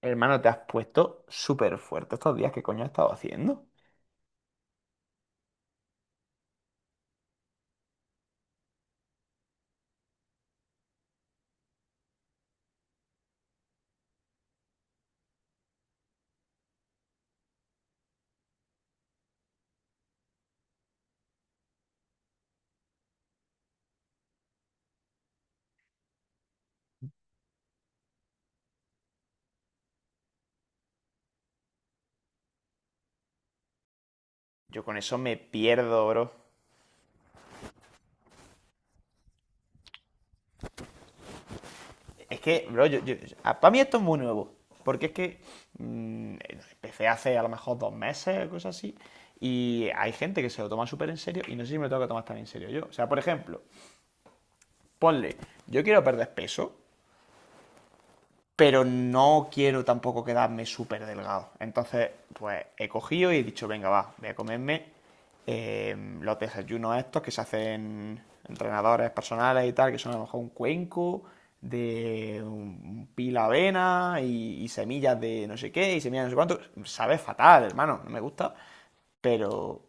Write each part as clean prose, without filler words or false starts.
Hermano, te has puesto súper fuerte estos días. ¿Qué coño has estado haciendo? Yo con eso me pierdo, bro. Es que, bro, yo, para mí esto es muy nuevo. Porque es que mm, empecé hace a lo mejor 2 meses, cosas así. Y hay gente que se lo toma súper en serio y no sé si me lo tengo que tomar tan en serio yo. O sea, por ejemplo, ponle, yo quiero perder peso, pero no quiero tampoco quedarme súper delgado. Entonces, pues he cogido y he dicho, venga, va, voy a comerme eh, los desayunos estos que se hacen entrenadores personales y tal, que son a lo mejor un cuenco de un pila avena y semillas de no sé qué y semillas de no sé cuánto. Sabe fatal, hermano, no me gusta, pero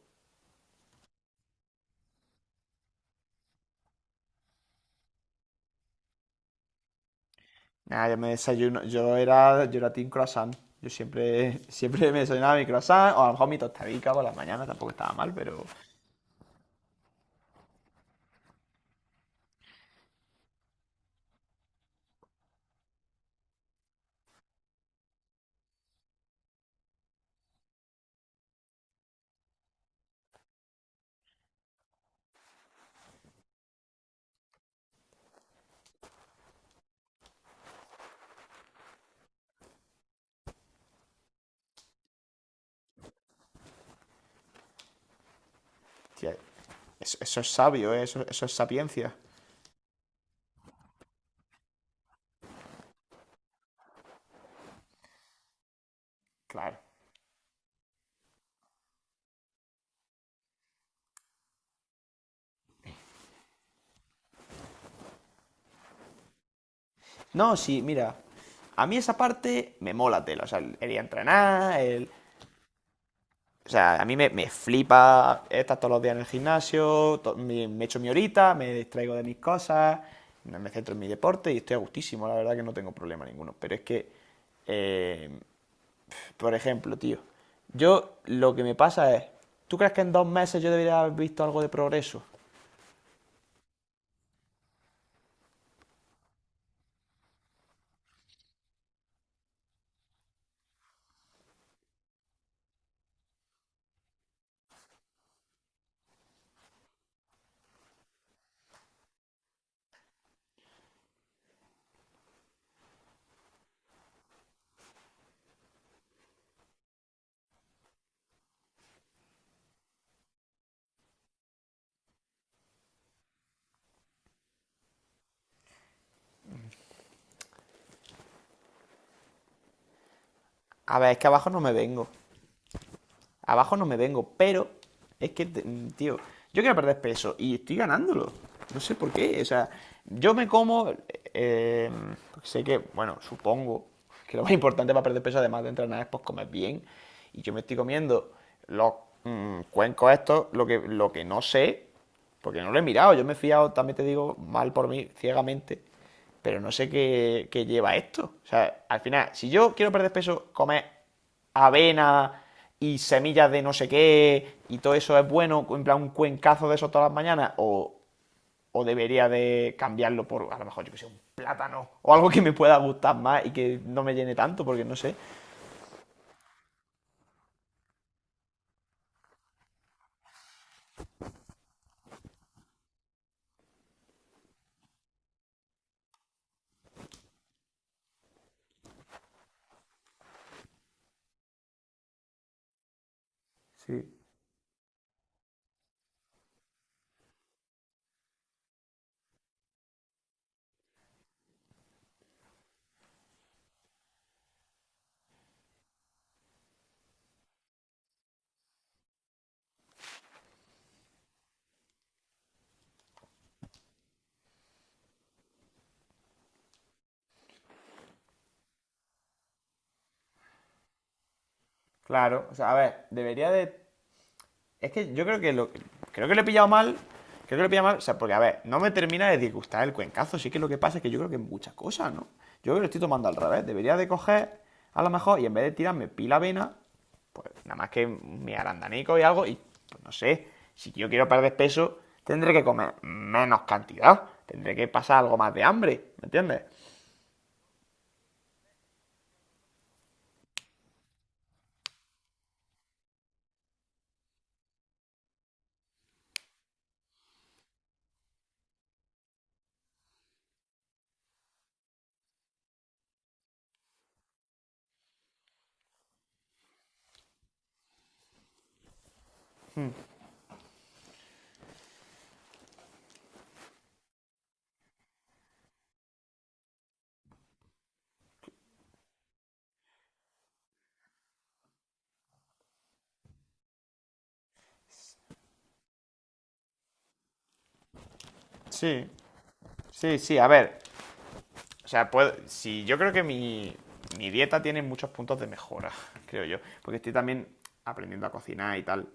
nada, yo me desayuno, yo era team croissant. Yo siempre, siempre me desayunaba mi croissant, o a lo mejor mi tostadica por las mañanas, tampoco estaba mal, pero tía, eso es sabio, ¿eh? Eso es sapiencia. Claro. No, sí, mira. A mí esa parte me mola tela. O sea, el ir a entrenar, el. O sea, a mí me flipa estar todos los días en el gimnasio, to- me echo mi horita, me distraigo de mis cosas, no me centro en mi deporte y estoy a gustísimo, la verdad que no tengo problema ninguno. Pero es que, eh, por ejemplo, tío, yo lo que me pasa es, ¿tú crees que en 2 meses yo debería haber visto algo de progreso? A ver, es que abajo no me vengo. Abajo no me vengo, pero es que, tío, yo quiero perder peso y estoy ganándolo. No sé por qué. O sea, yo me como, eh, sé que, bueno, supongo que lo más importante para perder peso, además de entrenar, es pues comer bien. Y yo me estoy comiendo los cuencos estos, lo que no sé, porque no lo he mirado. Yo me he fiado, también te digo, mal por mí, ciegamente. Pero no sé qué, qué lleva esto. O sea, al final, si yo quiero perder peso, comer avena y semillas de no sé qué y todo eso es bueno, en plan un cuencazo de eso todas las mañanas, o debería de cambiarlo por a lo mejor yo que sé, un plátano o algo que me pueda gustar más y que no me llene tanto, porque no sé. Sí, claro. O sea, a ver, debería de... Es que yo creo que lo, creo que le he pillado mal. Creo que le he pillado mal. O sea, porque, a ver, no me termina de disgustar el cuencazo. Sí que lo que pasa es que yo creo que muchas cosas, ¿no? Yo creo que lo estoy tomando al revés. Debería de coger, a lo mejor, y en vez de tirarme pila avena, pues nada más que mi arandanico y algo. Y pues no sé, si yo quiero perder peso, tendré que comer menos cantidad. Tendré que pasar algo más de hambre, ¿me entiendes? Sí, sí, sí. A ver, o sea, puedo, si yo creo que mi dieta tiene muchos puntos de mejora, creo yo. Porque estoy también aprendiendo a cocinar y tal.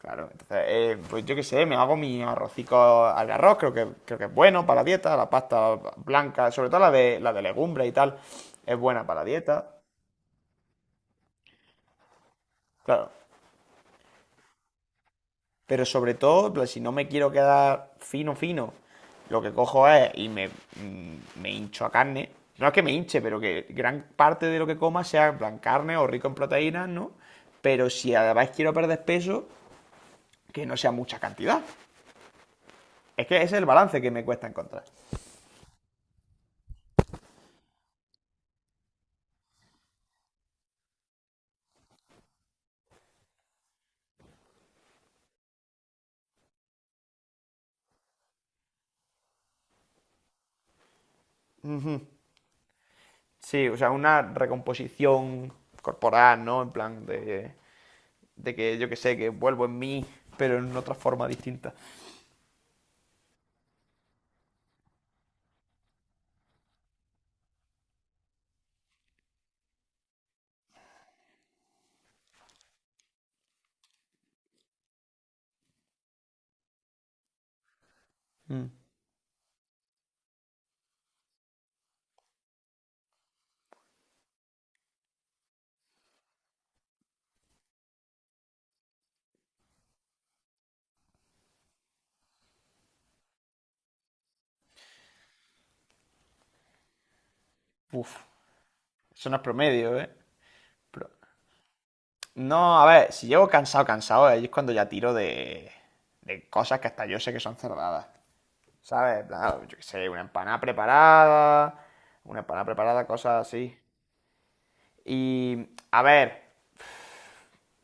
Claro, entonces, pues yo qué sé, me hago mi arrocico al arroz, creo que es bueno para la dieta, la pasta blanca, sobre todo la de legumbre y tal, es buena para la dieta. Claro, pero sobre todo, en si no me quiero quedar fino, fino, lo que cojo es y me, me hincho a carne. No es que me hinche, pero que gran parte de lo que coma sea en plan carne o rico en proteínas, ¿no? Pero si además quiero perder peso, que no sea mucha cantidad. Es que ese es el balance que me cuesta encontrar. Sí, o sea, una recomposición corporal, ¿no? En plan de que yo que sé, que vuelvo en mí, pero en otra forma distinta. Mm. Uf, eso no es promedio, ¿eh? Pero no, a ver, si llego cansado, cansado, ahí es cuando ya tiro de cosas que hasta yo sé que son cerradas. ¿Sabes? Yo qué sé, una empanada preparada, cosas así. Y, a ver,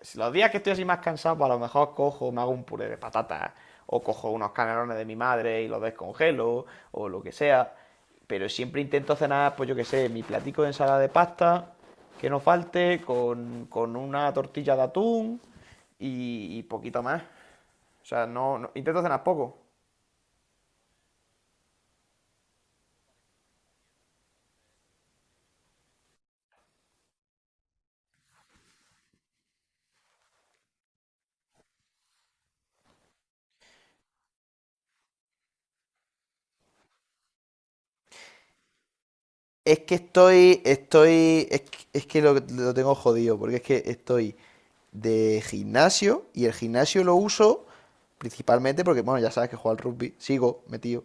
si los días que estoy así más cansado, pues a lo mejor cojo, me hago un puré de patatas, o cojo unos canelones de mi madre y los descongelo, o lo que sea. Pero siempre intento cenar, pues yo qué sé, mi platico de ensalada de pasta, que no falte, con una tortilla de atún y poquito más. O sea, no, no- intento cenar poco. Es que es que lo tengo jodido, porque es que estoy de gimnasio y el gimnasio lo uso principalmente porque, bueno, ya sabes que juego al rugby, sigo metido.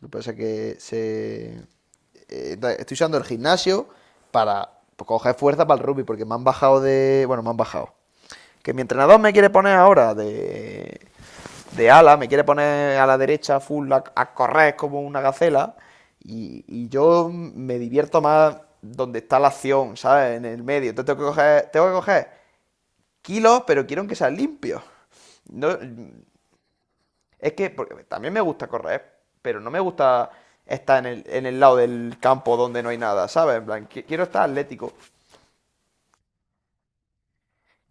Lo que pasa es que se, estoy usando el gimnasio para pues, coger fuerza para el rugby, porque me han bajado de, bueno, me han bajado. Que mi entrenador me quiere poner ahora de ala, me quiere poner a la derecha full a correr como una gacela. Y yo me divierto más donde está la acción, ¿sabes? En el medio. Entonces tengo que coger kilos, pero quiero que sean limpios. No, es que porque también me gusta correr, pero no me gusta estar en el lado del campo donde no hay nada, ¿sabes? En plan, quiero estar atlético.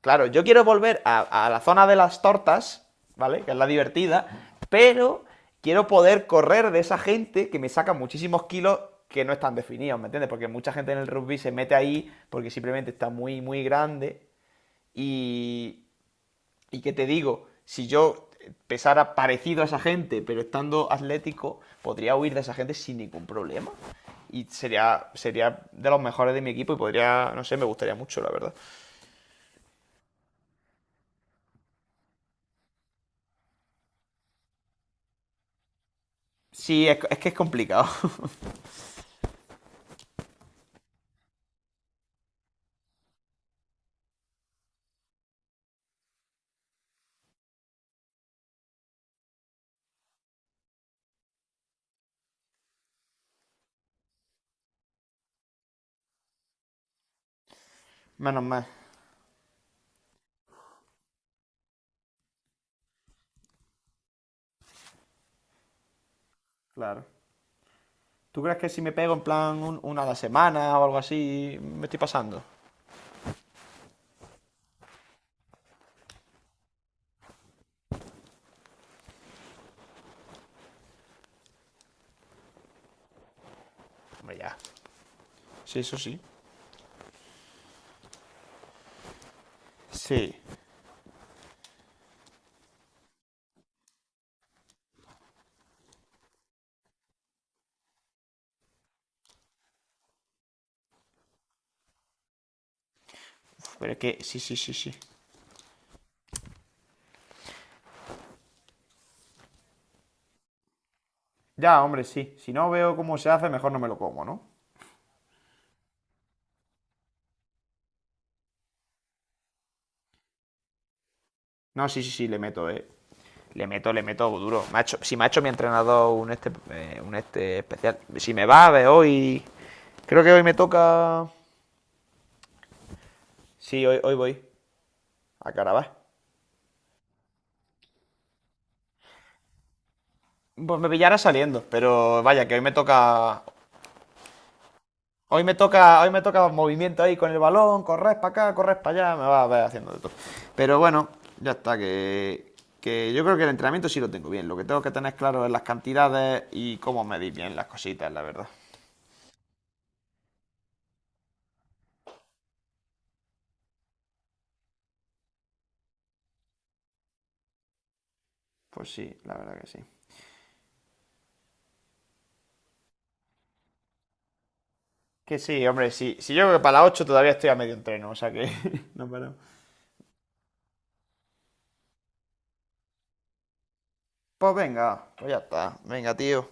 Claro, yo quiero volver a la zona de las tortas, ¿vale? Que es la divertida, pero quiero poder correr de esa gente que me saca muchísimos kilos que no están definidos, ¿me entiendes? Porque mucha gente en el rugby se mete ahí porque simplemente está muy grande y, y que te digo, si yo pesara parecido a esa gente, pero estando atlético, podría huir de esa gente sin ningún problema. Y sería de los mejores de mi equipo y podría, no sé, me gustaría mucho, la verdad. Sí, es que es complicado. Menos mal, claro. ¿Tú crees que si me pego en plan un- una a la semana o algo así, me estoy pasando? Hombre, ya. Sí, eso sí. Sí. Pero es que, sí, sí, sí, sí. Ya, hombre, sí. Si no veo cómo se hace, mejor no me lo como, ¿no? No, sí, sí, sí, le meto, eh. Le meto duro. Me ha hecho- si me ha hecho mi entrenador un este especial. Si me va a ver hoy. Creo que hoy me toca. Sí, hoy voy. A Carabas. Pues me pillará saliendo, pero vaya, que hoy me toca. Hoy me toca movimiento ahí con el balón, corres para acá, corres para allá, me va a ver haciendo de todo. Pero bueno, ya está, que yo creo que el entrenamiento sí lo tengo bien. Lo que tengo que tener claro es las cantidades y cómo medir bien las cositas, la verdad. Pues sí, la verdad que sí. Que sí, hombre, sí. Si yo creo que para las 8 todavía estoy a medio entreno, o sea que no paramos. Pues venga, pues ya está. Venga, tío.